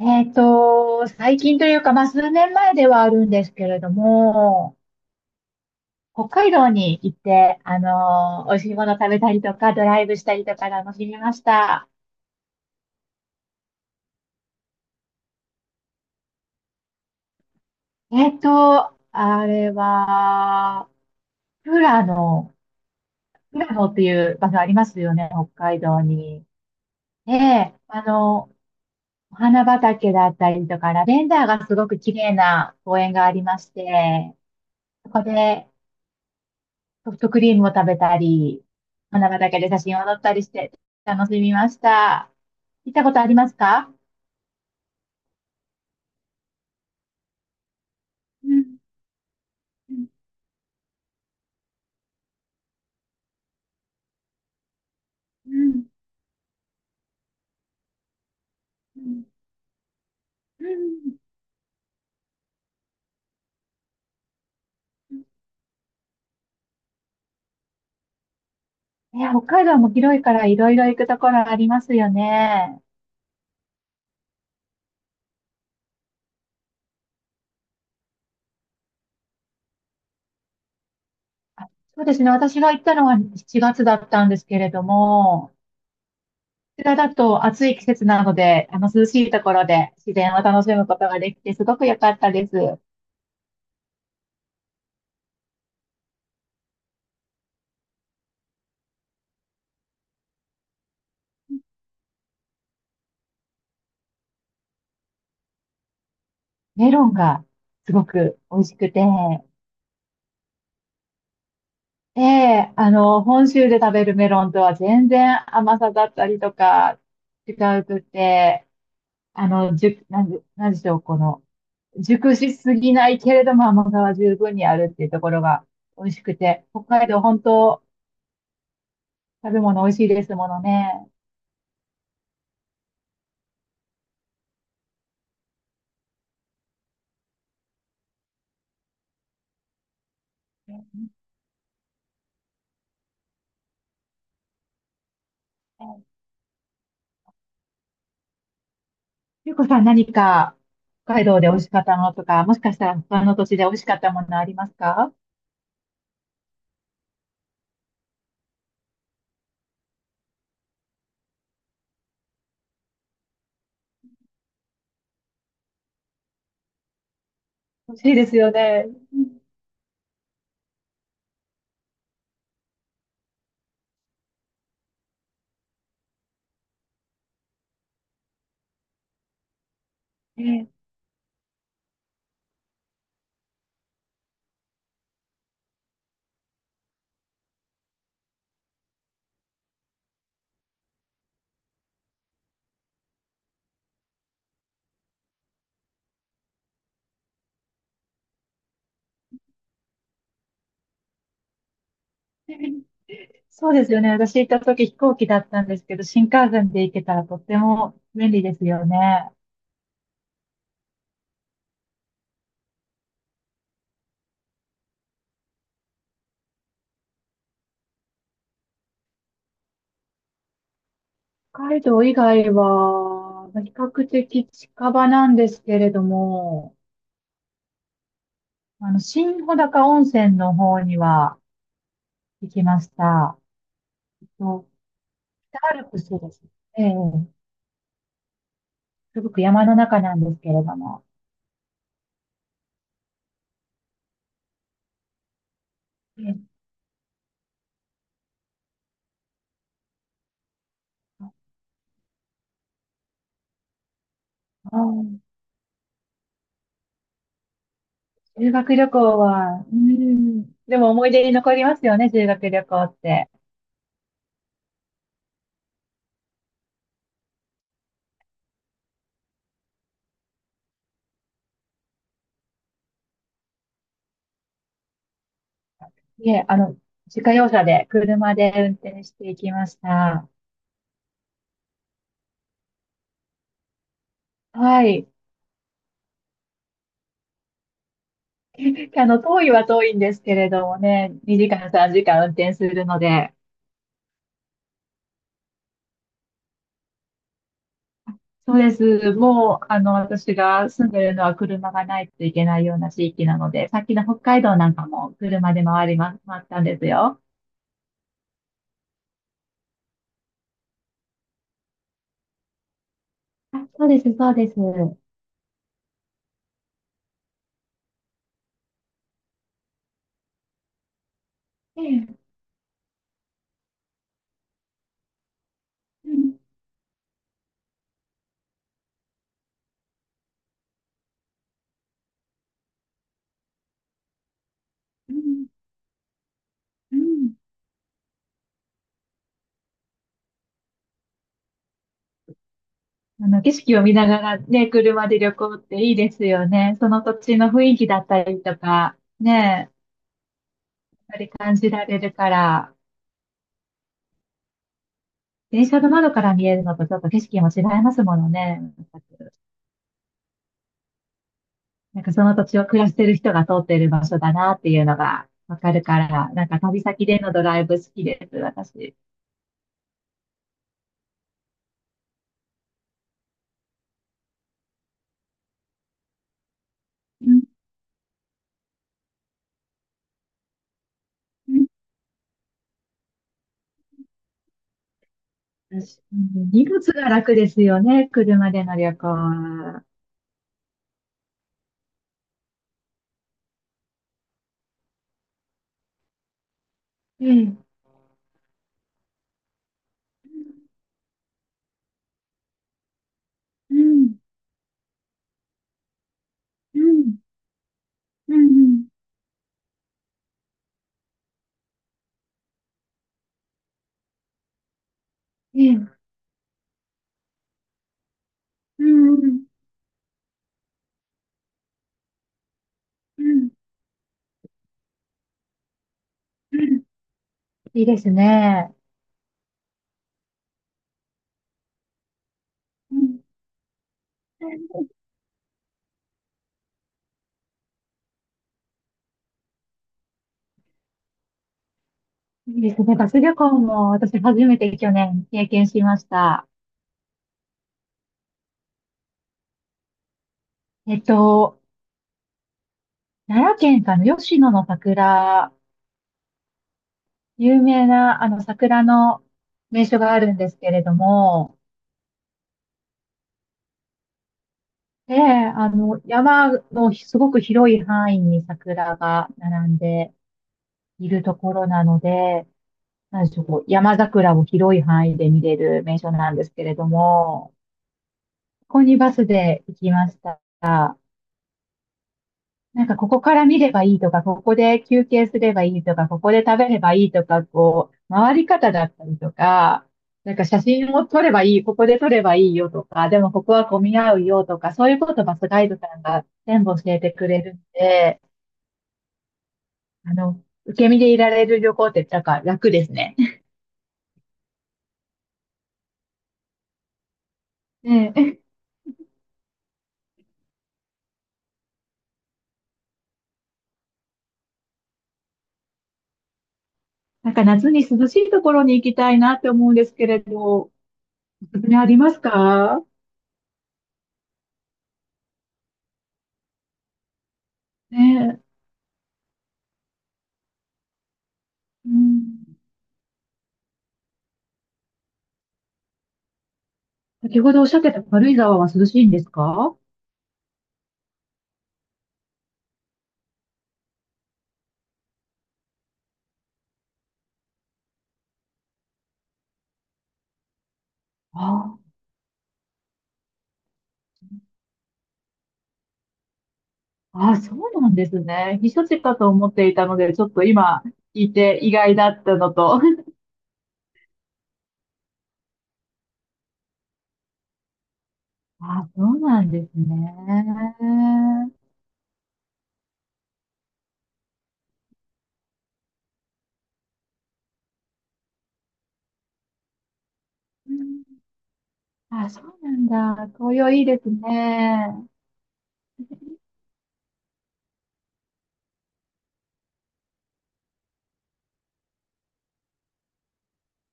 最近というか、まあ、数年前ではあるんですけれども、北海道に行って、美味しいもの食べたりとか、ドライブしたりとか楽しみました。あれは、富良野、富良野っていう場所ありますよね、北海道に。で、お花畑だったりとか、ラベンダーがすごく綺麗な公園がありまして、そこで、ソフトクリームを食べたり、花畑で写真を撮ったりして楽しみました。行ったことありますか？うん、うん、うん、うん、うん。いや、北海道も広いからいろいろ行くところありますよね。あ、そうですね。私が行ったのは7月だったんですけれども、こちらだと暑い季節なので、あの涼しいところで自然を楽しむことができてすごく良かったです。メロンがすごく美味しくて、ええ、本州で食べるメロンとは全然甘さだったりとか違うくて、あの、じゅ、なんで、なんでしょう、この、熟しすぎないけれども甘さは十分にあるっていうところが美味しくて、北海道本当食べ物美味しいですものね。ね、ゆうこさん何か北海道で美味しかったものとか、もしかしたら他の土地で美味しかったものありますか？欲しいですよね。そうですよね。私行った時飛行機だったんですけど、新幹線で行けたらとっても便利ですよね。北海道以外は、比較的近場なんですけれども、新穂高温泉の方には行きました。と、北アルプスです。ええ、すごく山の中なんですけれども。ええ、あー、修学旅行は、うん、でも思い出に残りますよね、修学旅行って。いえ、自家用車で、車で運転していきました。はい。遠いは遠いんですけれどもね、2時間、3時間運転するので、そうです。もう、私が住んでるのは車がないといけないような地域なので、さっきの北海道なんかも車で回りま、回ったんですよ。あ、そうです、そうです。ええ、うん、うん、うん。景色を見ながらね、車で旅行っていいですよね。その土地の雰囲気だったりとか、ね、感じられるから、電車の窓から見えるのとちょっと景色も違いますものね。なんかその土地を暮らしてる人が通ってる場所だなっていうのがわかるから、なんか旅先でのドライブ好きです、私。うん、うん。私荷物が楽ですよね、車での旅行は。ええ、うん、うん、うん、うん。ええ、うん、うん、うん、うん。いいですね。うん。いいですね。バス旅行も私初めて去年経験しました。えっと、奈良県かの吉野の桜、有名なあの桜の名所があるんですけれども、で、あの山のすごく広い範囲に桜が並んでいるところなので、なんでしょう、こう山桜を広い範囲で見れる名所なんですけれども、ここにバスで行きました。なんかここから見ればいいとか、ここで休憩すればいいとか、ここで食べればいいとか、こう、回り方だったりとか、なんか写真を撮ればいい、ここで撮ればいいよとか、でもここは混み合うよとか、そういうことバスガイドさんが全部教えてくれるんで、受け身でいられる旅行ってなんか楽ですね。ねえ。なんか夏に涼しいところに行きたいなって思うんですけれど、おすすめありますか？ねえ、うん。先ほどおっしゃってた軽井沢は涼しいんですか？あああ、そうなんですね。避暑地かと思っていたので、ちょっと今聞いて意外だったのと。あ、そうなんですね。うん。あ、そうなんだ。紅葉いいですね。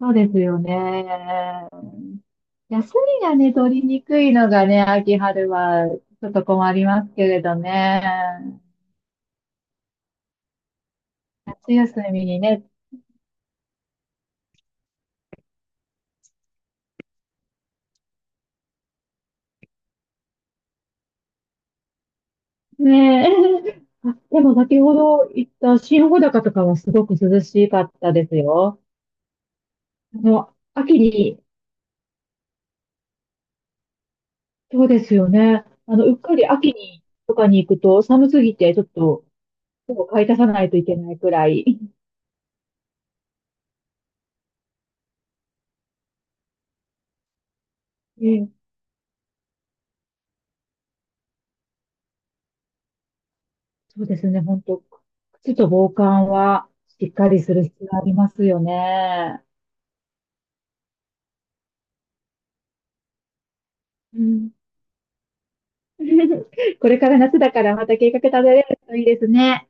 そうですよね。休みがね、取りにくいのがね、秋春はちょっと困りますけれどね。夏休みにね。ねえ。あ、でも先ほど言った新穂高とかはすごく涼しかったですよ。あの、秋に、そうですよね。うっかり秋にとかに行くと寒すぎてちょっと手を買い足さないといけないくらい。ええ、そうですね、本当靴と防寒はしっかりする必要がありますよね。うん。これから夏だからまた計画立てれるといいですね。